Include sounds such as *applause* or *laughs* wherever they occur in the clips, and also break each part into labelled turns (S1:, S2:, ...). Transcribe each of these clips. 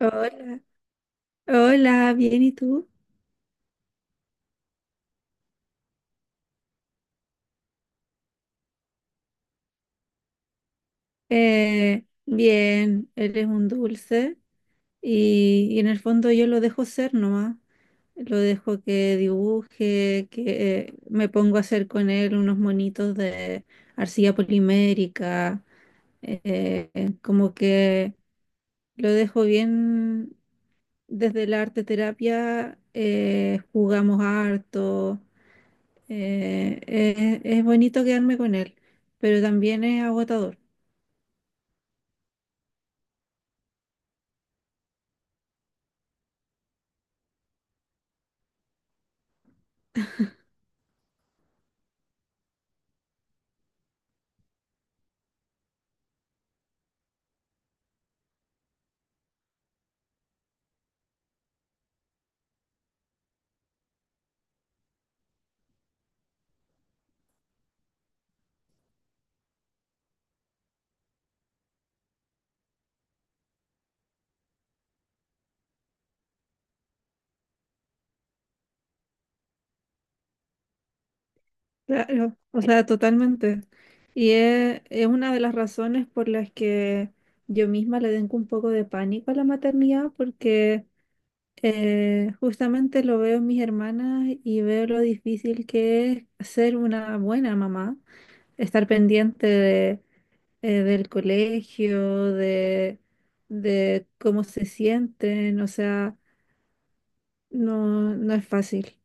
S1: Hola, hola, bien, ¿y tú? Bien, eres un dulce. Y en el fondo yo lo dejo ser nomás, lo dejo que dibuje, que me pongo a hacer con él unos monitos de arcilla polimérica, eh, como que lo dejo bien desde la arte terapia, jugamos harto, es bonito quedarme con él, pero también es agotador. Claro, o sea, totalmente. Es una de las razones por las que yo misma le tengo un poco de pánico a la maternidad, porque justamente lo veo en mis hermanas y veo lo difícil que es ser una buena mamá, estar pendiente del colegio, de cómo se sienten, o sea, no, no es fácil.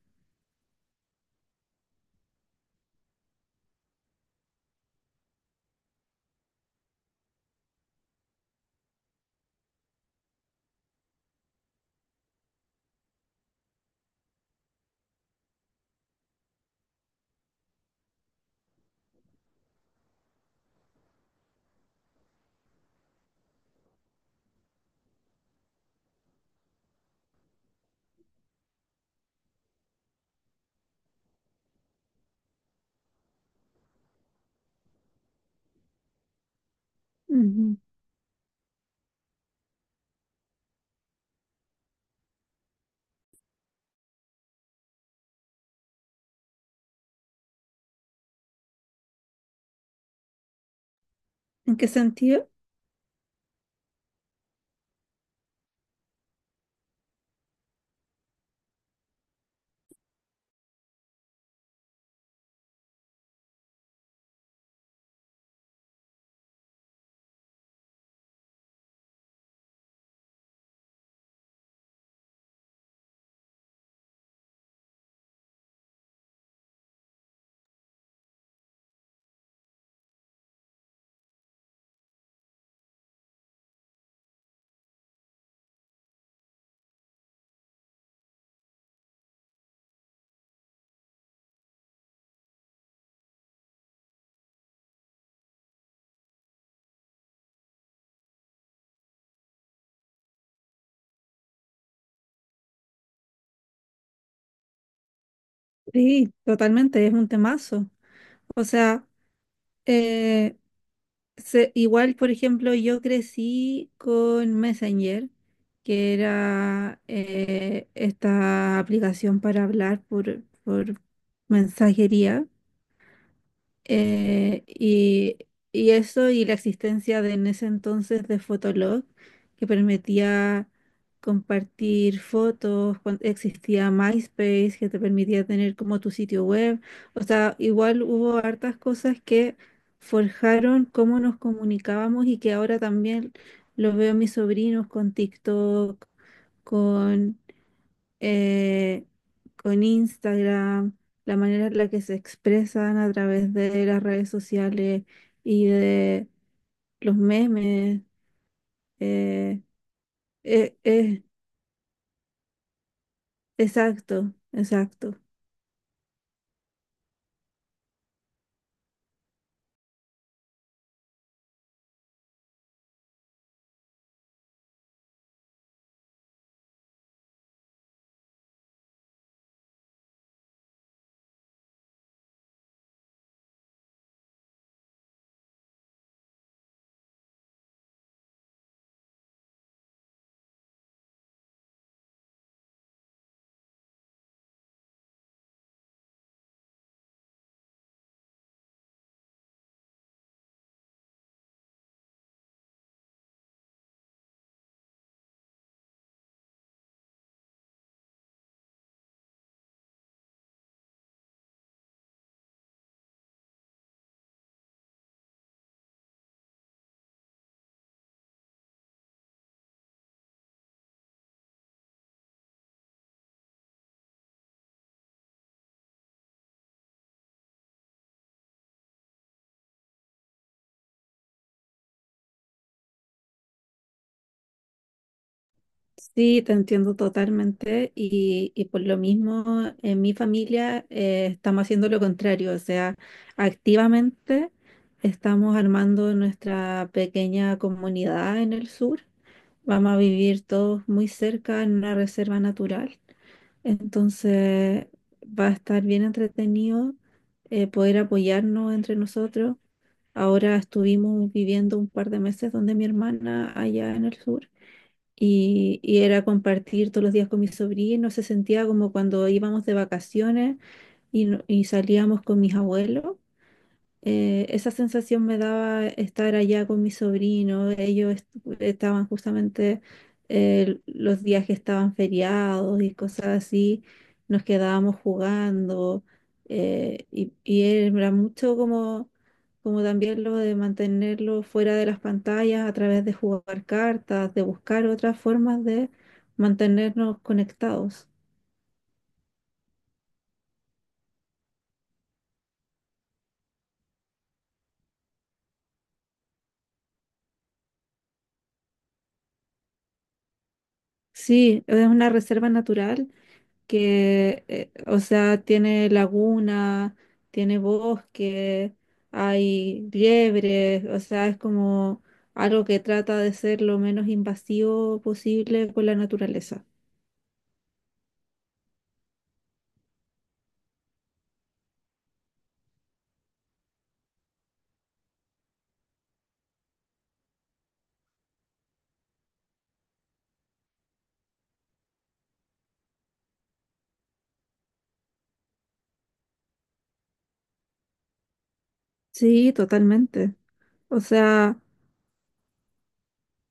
S1: Ujú. ¿En qué sentido? Sí, totalmente, es un temazo. O sea, eh, igual, por ejemplo, yo crecí con Messenger, que era esta aplicación para hablar por mensajería. Eh, y, y eso y la existencia de en ese entonces de Fotolog, que permitía compartir fotos, cuando existía MySpace, que te permitía tener como tu sitio web. O sea, igual hubo hartas cosas que forjaron cómo nos comunicábamos y que ahora también lo veo en mis sobrinos con TikTok, eh, con Instagram, la manera en la que se expresan a través de las redes sociales y de los memes. eh, eh, eh, exacto, exacto. Sí, te entiendo totalmente y por lo mismo en mi familia estamos haciendo lo contrario, o sea, activamente estamos armando nuestra pequeña comunidad en el sur, vamos a vivir todos muy cerca en una reserva natural, entonces va a estar bien entretenido poder apoyarnos entre nosotros. Ahora estuvimos viviendo un par de meses donde mi hermana allá en el sur. Y era compartir todos los días con mis sobrinos, se sentía como cuando íbamos de vacaciones y, no- y salíamos con mis abuelos. Esa sensación me daba estar allá con mi sobrino. Ellos estaban justamente los días que estaban feriados y cosas así. Nos quedábamos jugando y era mucho como, como también lo de mantenerlo fuera de las pantallas a través de jugar cartas, de buscar otras formas de mantenernos conectados. Sí, es una reserva natural que, o sea, tiene laguna, tiene bosque, hay liebres, o sea, es como algo que trata de ser lo menos invasivo posible con la naturaleza. Sí, totalmente. O sea,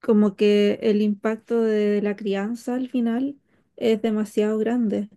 S1: como que el impacto de la crianza al final es demasiado grande,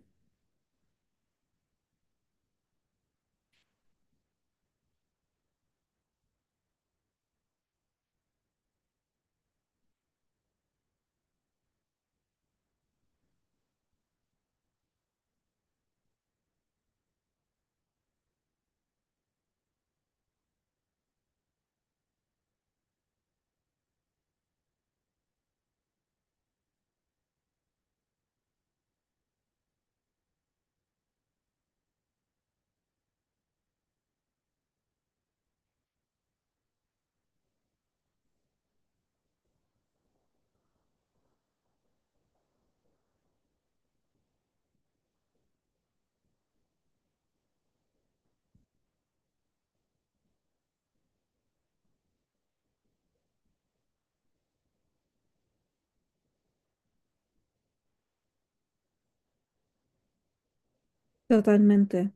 S1: totalmente.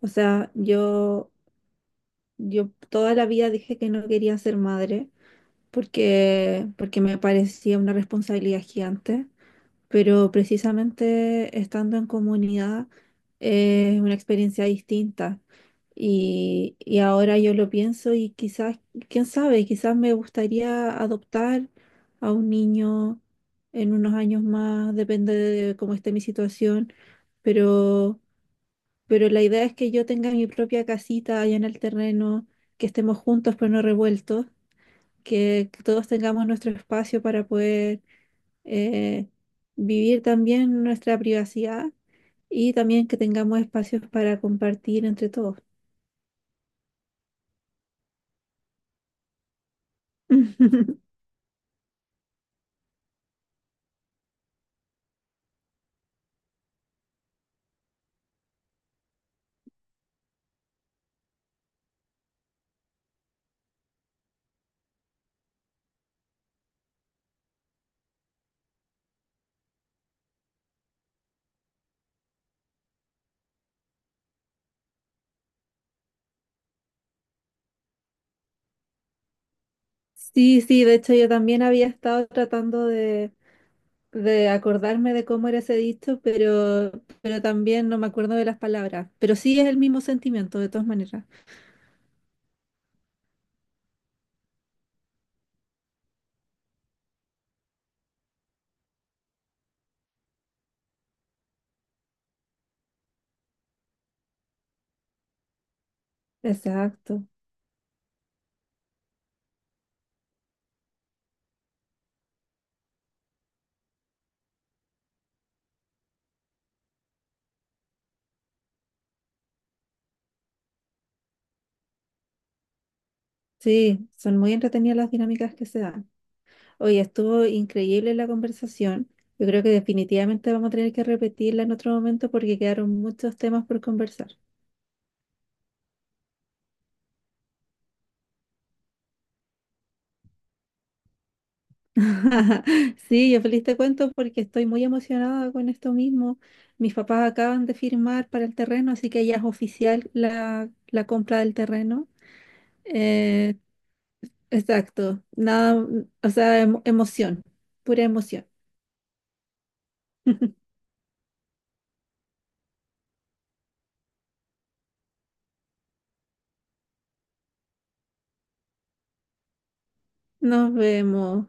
S1: O sea, yo toda la vida dije que no quería ser madre porque me parecía una responsabilidad gigante, pero precisamente estando en comunidad es una experiencia distinta. Y ahora yo lo pienso y quizás, quién sabe, quizás me gustaría adoptar a un niño en unos años más, depende de cómo esté mi situación, pero la idea es que yo tenga mi propia casita allá en el terreno, que estemos juntos pero no revueltos, que todos tengamos nuestro espacio para poder eh, vivir también nuestra privacidad y también que tengamos espacios para compartir entre todos. *laughs* Sí, sí, de hecho yo también había estado tratando de acordarme de cómo era ese dicho, pero también no me acuerdo de las palabras. Pero sí es el mismo sentimiento, de todas maneras. Exacto. Sí, son muy entretenidas las dinámicas que se dan. Oye, estuvo increíble la conversación. Yo creo que definitivamente vamos a tener que repetirla en otro momento porque quedaron muchos temas por conversar. *laughs* Sí, yo feliz te cuento porque estoy muy emocionada con esto mismo. Mis papás acaban de firmar para el terreno, así que ya es oficial la compra del terreno. Eh, exacto, nada, o sea, emoción, pura emoción. *laughs* Nos vemos.